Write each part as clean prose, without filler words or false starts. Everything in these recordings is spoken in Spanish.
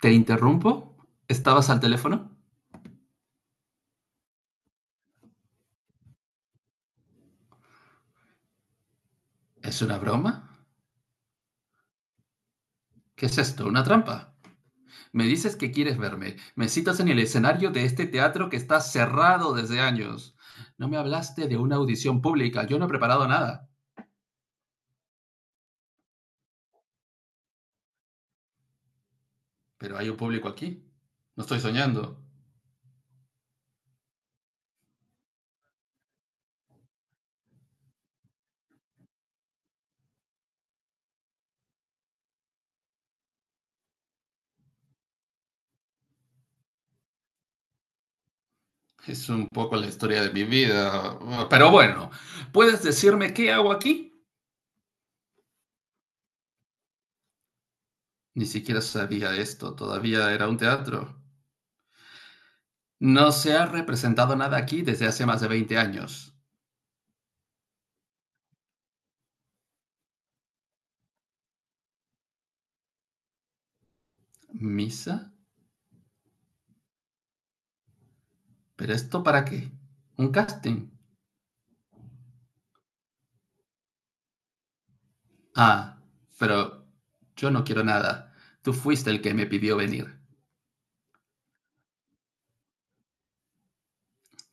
¿Te interrumpo? ¿Estabas al teléfono? ¿Es una broma? ¿Qué es esto? ¿Una trampa? Me dices que quieres verme. Me citas en el escenario de este teatro que está cerrado desde años. No me hablaste de una audición pública. Yo no he preparado nada. Pero hay un público aquí. No estoy soñando. Es un poco la historia de mi vida. Pero bueno, ¿puedes decirme qué hago aquí? Ni siquiera sabía esto. Todavía era un teatro. No se ha representado nada aquí desde hace más de 20 años. ¿Misa? ¿Pero esto para qué? ¿Un casting? Ah, pero yo no quiero nada. Tú fuiste el que me pidió venir.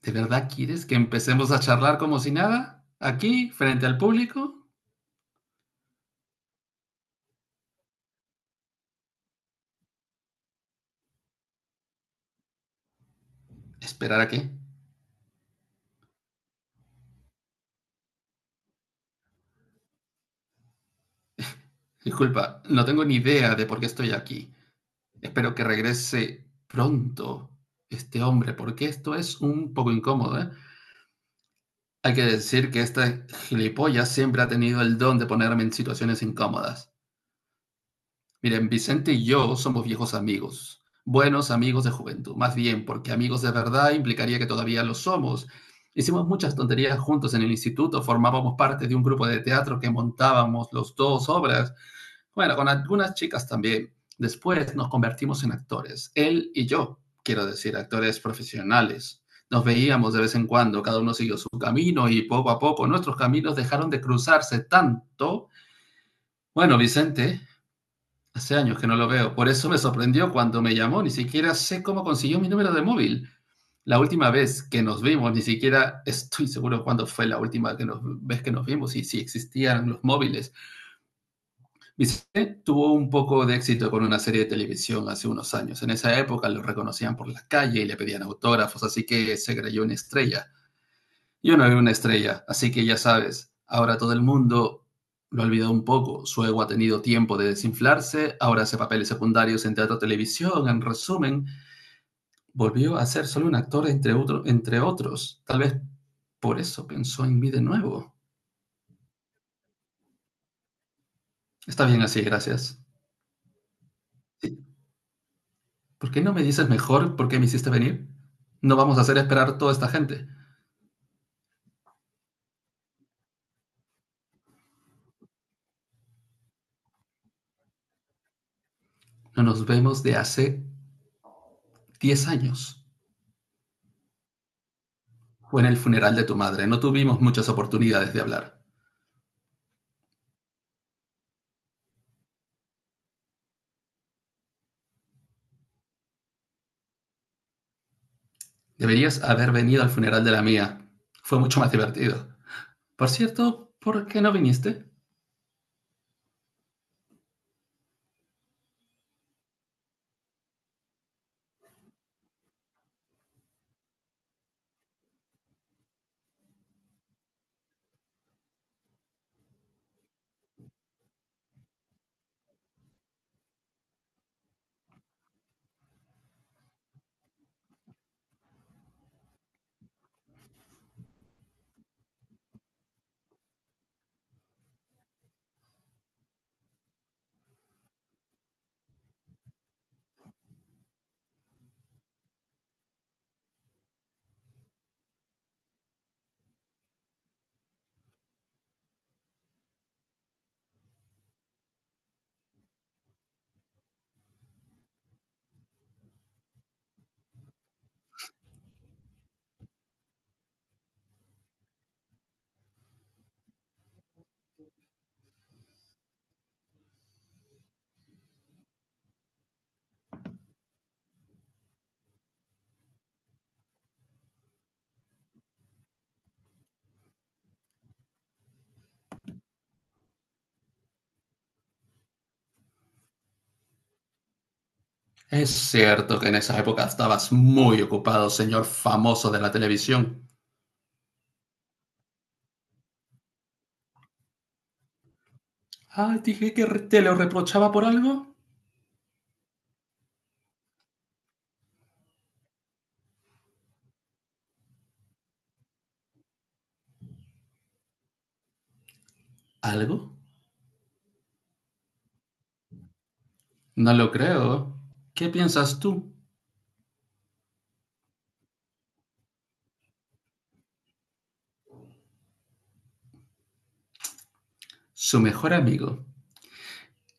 ¿De verdad quieres que empecemos a charlar como si nada? ¿Aquí, frente al público? ¿Esperar a qué? Disculpa, no tengo ni idea de por qué estoy aquí. Espero que regrese pronto este hombre, porque esto es un poco incómodo, ¿eh? Hay que decir que esta gilipollas siempre ha tenido el don de ponerme en situaciones incómodas. Miren, Vicente y yo somos viejos amigos, buenos amigos de juventud, más bien, porque amigos de verdad implicaría que todavía lo somos. Hicimos muchas tonterías juntos en el instituto, formábamos parte de un grupo de teatro que montábamos los dos obras, bueno, con algunas chicas también. Después nos convertimos en actores, él y yo, quiero decir, actores profesionales. Nos veíamos de vez en cuando, cada uno siguió su camino y poco a poco nuestros caminos dejaron de cruzarse tanto. Bueno, Vicente, hace años que no lo veo. Por eso me sorprendió cuando me llamó. Ni siquiera sé cómo consiguió mi número de móvil. La última vez que nos vimos, ni siquiera estoy seguro cuándo fue la última que nos- vez que nos vimos y si existían los móviles. Vicente tuvo un poco de éxito con una serie de televisión hace unos años. En esa época lo reconocían por la calle y le pedían autógrafos, así que se creyó una estrella. Yo no era una estrella, así que ya sabes, ahora todo el mundo lo ha olvidado un poco. Su ego ha tenido tiempo de desinflarse, ahora hace papeles secundarios en teatro, televisión, en resumen, volvió a ser solo un actor entre otros. Tal vez por eso pensó en mí de nuevo. Está bien así, gracias. Sí, ¿por qué no me dices mejor por qué me hiciste venir? No vamos a hacer esperar toda esta gente. No nos vemos de hace 10 años. Fue en el funeral de tu madre, no tuvimos muchas oportunidades de hablar. Deberías haber venido al funeral de la mía. Fue mucho más divertido. Por cierto, ¿por qué no viniste? Es cierto que en esa época estabas muy ocupado, señor famoso de la televisión. Ah, dije que te lo reprochaba por algo. ¿Algo? No lo creo. ¿Qué piensas tú? Su mejor amigo,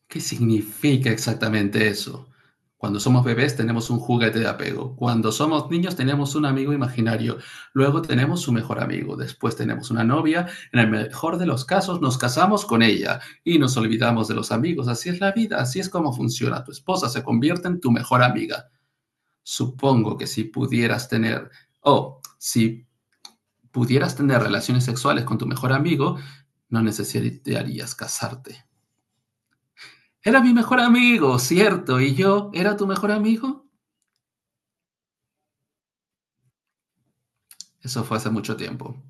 ¿qué significa exactamente eso? Cuando somos bebés tenemos un juguete de apego. Cuando somos niños tenemos un amigo imaginario. Luego tenemos su mejor amigo. Después tenemos una novia. En el mejor de los casos nos casamos con ella y nos olvidamos de los amigos. Así es la vida, así es como funciona. Tu esposa se convierte en tu mejor amiga. Supongo que si pudieras tener, o si pudieras tener relaciones sexuales con tu mejor amigo, no necesitarías casarte. Era mi mejor amigo, cierto, y yo era tu mejor amigo. Eso fue hace mucho tiempo.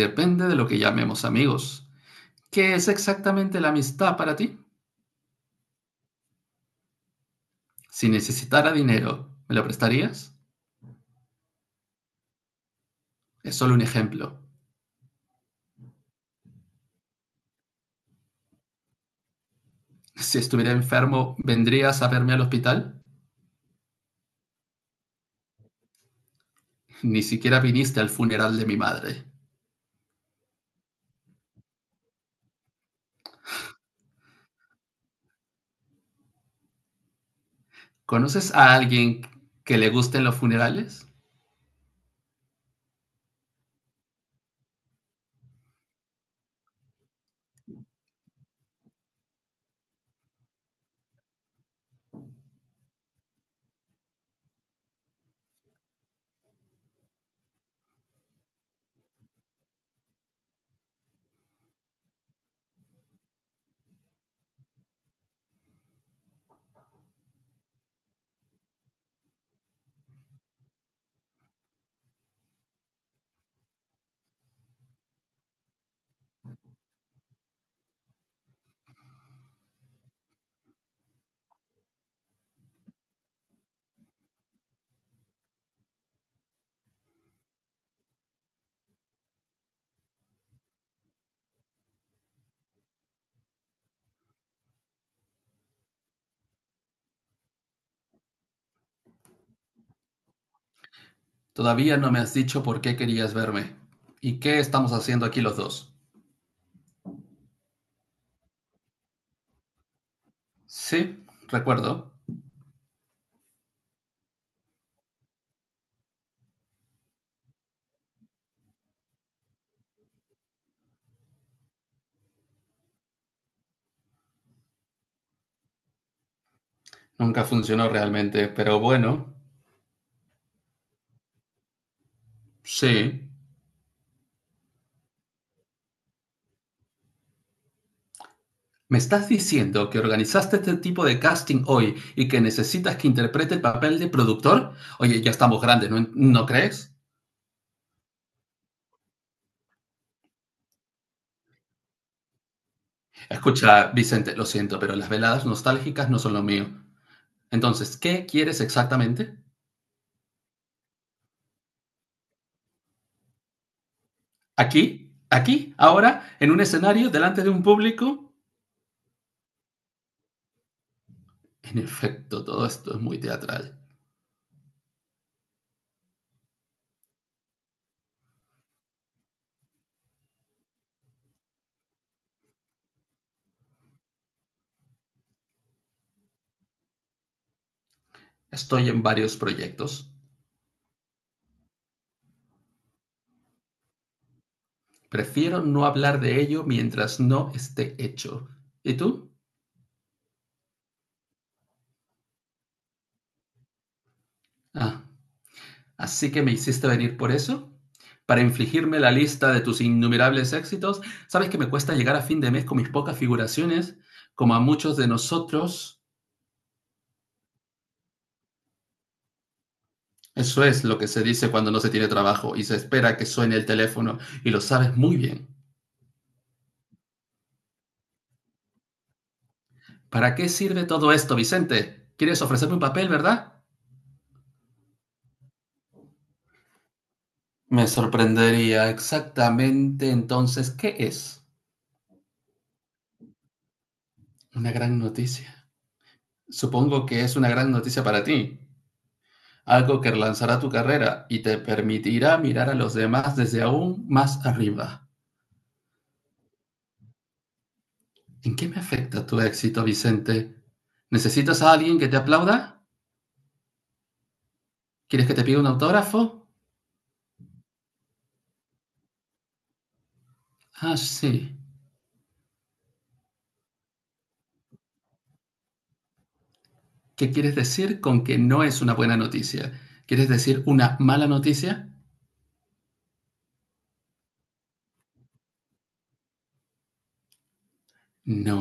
Depende de lo que llamemos amigos. ¿Qué es exactamente la amistad para ti? Si necesitara dinero, ¿me lo prestarías? Es solo un ejemplo. Si estuviera enfermo, ¿vendrías a verme al hospital? Ni siquiera viniste al funeral de mi madre. ¿Conoces a alguien que le gusten los funerales? Todavía no me has dicho por qué querías verme. ¿Y qué estamos haciendo aquí los dos? Sí, recuerdo. Nunca funcionó realmente, pero bueno, sí. ¿Me estás diciendo que organizaste este tipo de casting hoy y que necesitas que interprete el papel de productor? Oye, ya estamos grandes, ¿no crees? Escucha, Vicente, lo siento, pero las veladas nostálgicas no son lo mío. Entonces, ¿qué quieres exactamente? ¿Aquí? ¿Aquí? ¿Ahora? ¿En un escenario? ¿Delante de un público? En efecto, todo esto es muy teatral. Estoy en varios proyectos. Prefiero no hablar de ello mientras no esté hecho. ¿Y tú? Ah, así que me hiciste venir por eso. Para infligirme la lista de tus innumerables éxitos, sabes que me cuesta llegar a fin de mes con mis pocas figuraciones, como a muchos de nosotros. Eso es lo que se dice cuando no se tiene trabajo y se espera que suene el teléfono, y lo sabes muy bien. ¿Para qué sirve todo esto, Vicente? ¿Quieres ofrecerme un papel, verdad? Me sorprendería exactamente entonces qué es. Una gran noticia. Supongo que es una gran noticia para ti, algo que relanzará tu carrera y te permitirá mirar a los demás desde aún más arriba. ¿En qué me afecta tu éxito, Vicente? ¿Necesitas a alguien que te aplauda? ¿Quieres que te pida un autógrafo? Ah, sí. ¿Qué quieres decir con que no es una buena noticia? ¿Quieres decir una mala noticia? No.